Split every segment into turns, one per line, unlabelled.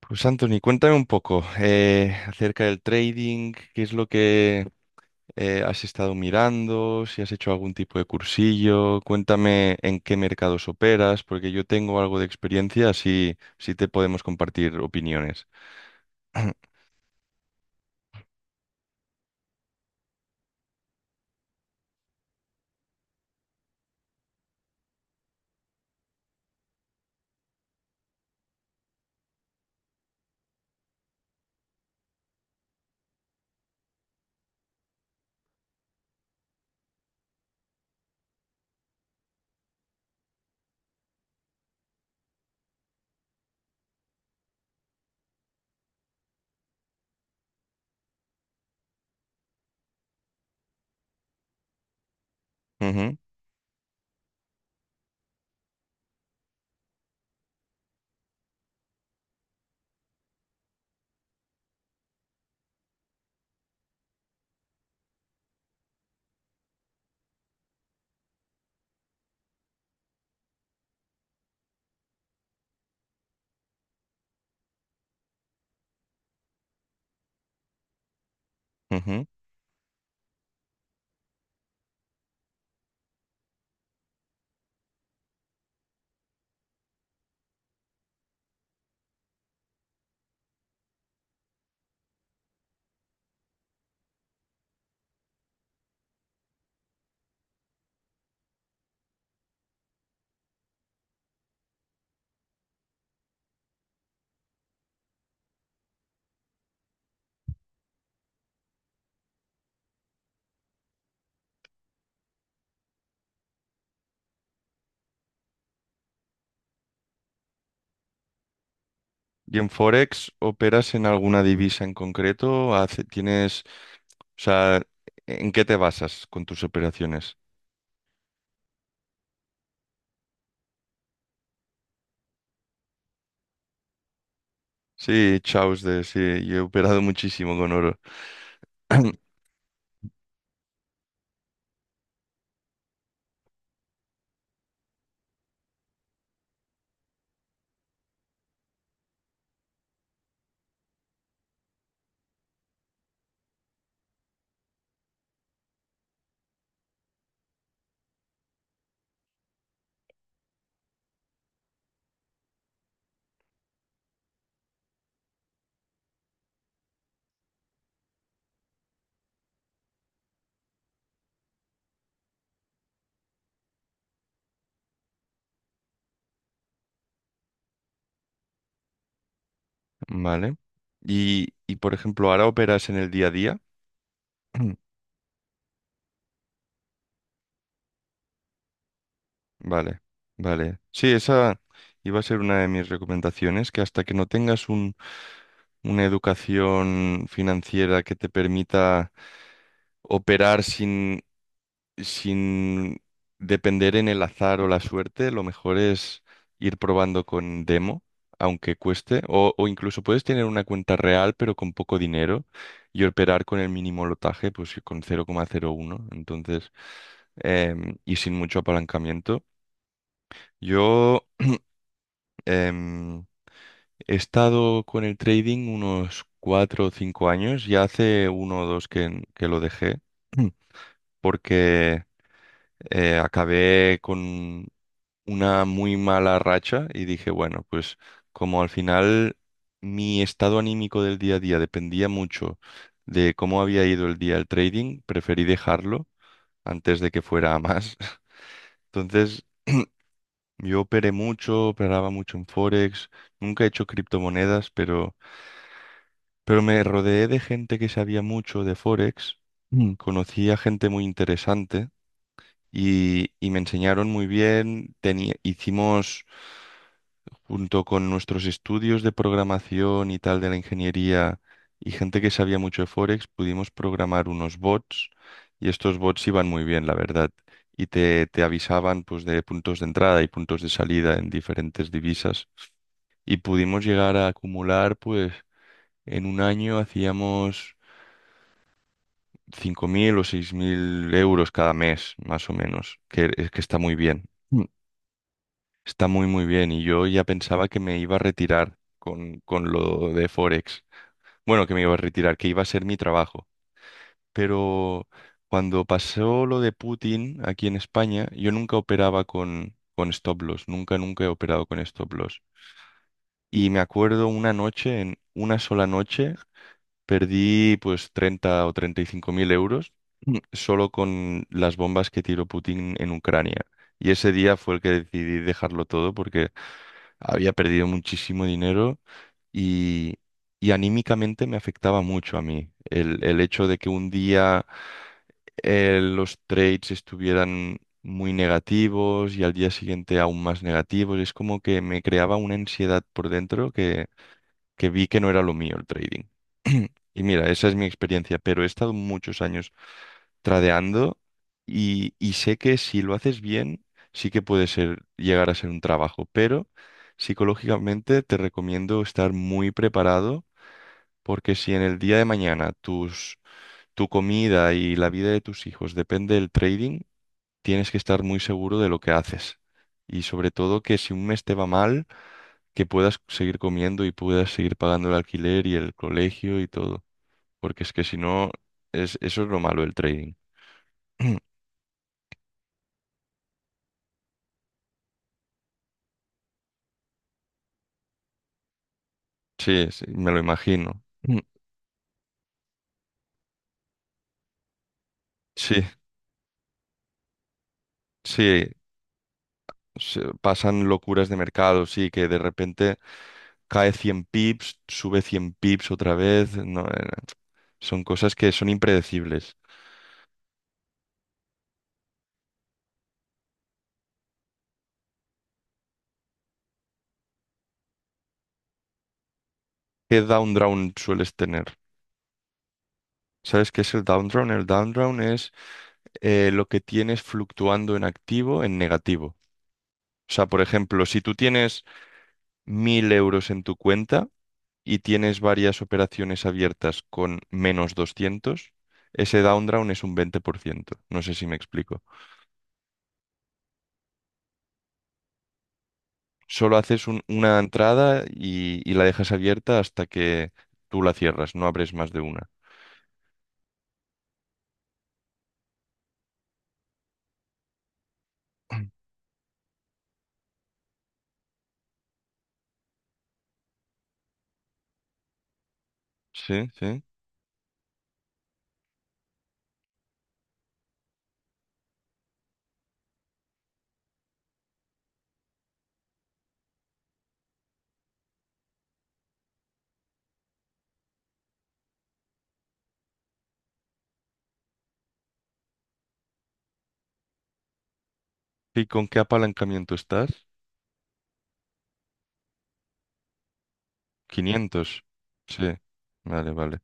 Pues Anthony, cuéntame un poco acerca del trading, qué es lo que has estado mirando, si has hecho algún tipo de cursillo, cuéntame en qué mercados operas, porque yo tengo algo de experiencia, así, así te podemos compartir opiniones. Ujú, ujú. ¿Y en Forex operas en alguna divisa en concreto? ¿Tienes, o sea, en qué te basas con tus operaciones? Sí, chaos de, sí, yo he operado muchísimo con oro. Vale. Y por ejemplo, ahora operas en el día a día. Vale, vale. Sí, esa iba a ser una de mis recomendaciones, que hasta que no tengas una educación financiera que te permita operar sin depender en el azar o la suerte, lo mejor es ir probando con demo, aunque cueste, o incluso puedes tener una cuenta real pero con poco dinero y operar con el mínimo lotaje, pues con 0,01, entonces, y sin mucho apalancamiento. Yo em, he estado con el trading unos 4 o 5 años, ya hace uno o dos que lo dejé. porque acabé con una muy mala racha y dije, bueno, pues como al final mi estado anímico del día a día dependía mucho de cómo había ido el día el trading, preferí dejarlo antes de que fuera a más. Entonces, yo operé mucho, operaba mucho en Forex, nunca he hecho criptomonedas, pero me rodeé de gente que sabía mucho de Forex. Mm. Conocí a gente muy interesante. Y me enseñaron muy bien. Tenía- hicimos junto con nuestros estudios de programación y tal de la ingeniería y gente que sabía mucho de Forex, pudimos programar unos bots y estos bots iban muy bien, la verdad. Y te avisaban pues de puntos de entrada y puntos de salida en diferentes divisas. Y pudimos llegar a acumular pues en un año hacíamos 5.000 o 6.000 euros cada mes, más o menos, que es que está muy bien. Está muy muy bien y yo ya pensaba que me iba a retirar con lo de Forex. Bueno, que me iba a retirar, que iba a ser mi trabajo. Pero cuando pasó lo de Putin aquí en España, yo nunca operaba con stop loss, nunca, nunca he operado con stop loss. Y me acuerdo una noche, en una sola noche, perdí pues 30.000 o 35.000 euros. Solo con las bombas que tiró Putin en Ucrania. Y ese día fue el que decidí dejarlo todo porque había perdido muchísimo dinero y, y anímicamente me afectaba mucho a mí. El hecho de que un día los trades estuvieran muy negativos y al día siguiente aún más negativos, es como que me creaba una ansiedad por dentro que vi que no era lo mío el trading. Y mira, esa es mi experiencia, pero he estado muchos años tradeando y sé que si lo haces bien, sí que puede ser, llegar a ser un trabajo, pero psicológicamente te recomiendo estar muy preparado porque si en el día de mañana tu comida y la vida de tus hijos depende del trading, tienes que estar muy seguro de lo que haces. Y sobre todo que si un mes te va mal, que puedas seguir comiendo y puedas seguir pagando el alquiler y el colegio y todo. Porque es que si no, es, eso es lo malo del trading. Sí, sí, me lo imagino. Mm. Sí, sí, pasan locuras de mercado, sí, que de repente cae 100 pips, sube 100 pips otra vez. No, son cosas que son impredecibles. ¿Qué down round sueles tener? ¿Sabes qué es el down round? El down round es lo que tienes fluctuando en activo en negativo. O sea, por ejemplo, si tú tienes 1.000 euros en tu cuenta y tienes varias operaciones abiertas con menos 200, ese down round es un 20%. No sé si me explico. Solo haces una entrada y la dejas abierta hasta que tú la cierras, no abres más de una. Sí, sí. ¿Y con qué apalancamiento estás? 500. Sí, vale, vale.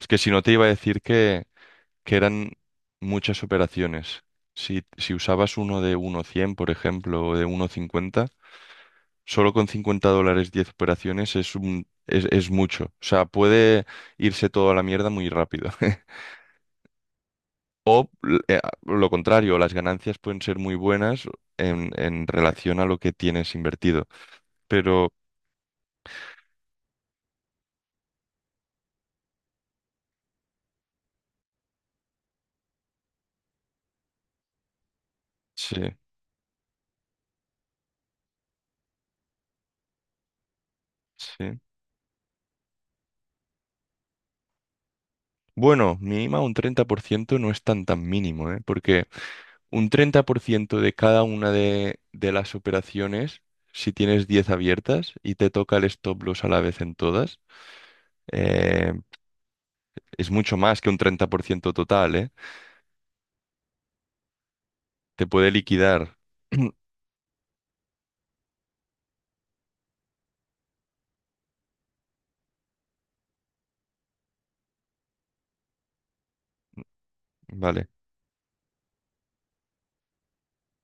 Es que si no te iba a decir que eran muchas operaciones. Si, si usabas uno de uno coma cien por ejemplo, o de uno coma cincuenta, solo con $50, 10 operaciones es un, es mucho. O sea, puede irse todo a la mierda muy rápido. Lo contrario, las ganancias pueden ser muy buenas en relación a lo que tienes invertido. Pero sí, sí. Bueno, mínima un 30% no es tan tan mínimo, ¿eh? Porque un 30% de cada una de las operaciones, si tienes 10 abiertas y te toca el stop loss a la vez en todas, eh, es mucho más que un 30% total, ¿eh? Te puede liquidar. Vale.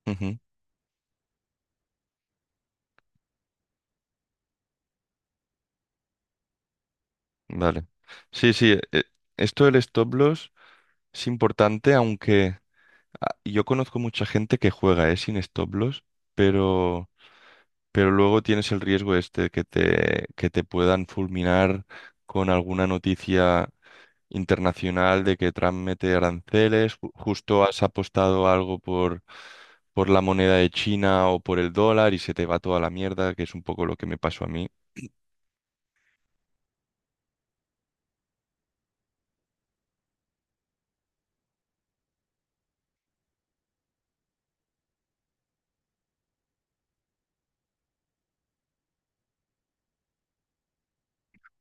Ujú. Vale. Sí, sí. Esto del stop loss es importante, aunque ah, yo conozco mucha gente que juega, sin stop loss, pero, pero luego tienes el riesgo este que te puedan fulminar con alguna noticia internacional de que Trump mete aranceles. Justo has apostado algo por la moneda de China o por el dólar y se te va toda la mierda, que es un poco lo que me pasó a mí.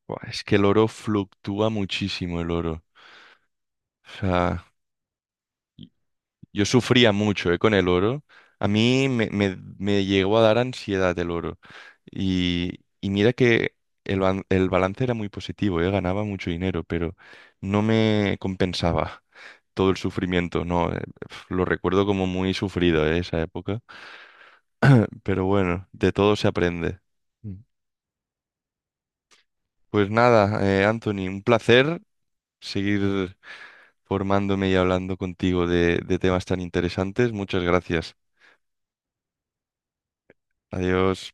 Buah, es que el oro fluctúa muchísimo el oro. O sea. Yo sufría mucho, con el oro. A mí me llegó a dar ansiedad el oro. Y mira que el balance era muy positivo, ganaba mucho dinero, pero no me compensaba todo el sufrimiento. No, pf, lo recuerdo como muy sufrido, esa época. Pero bueno, de todo se aprende. Mm. Pues nada, Anthony, un placer seguir formándome y hablando contigo de temas tan interesantes. Muchas gracias. Adiós.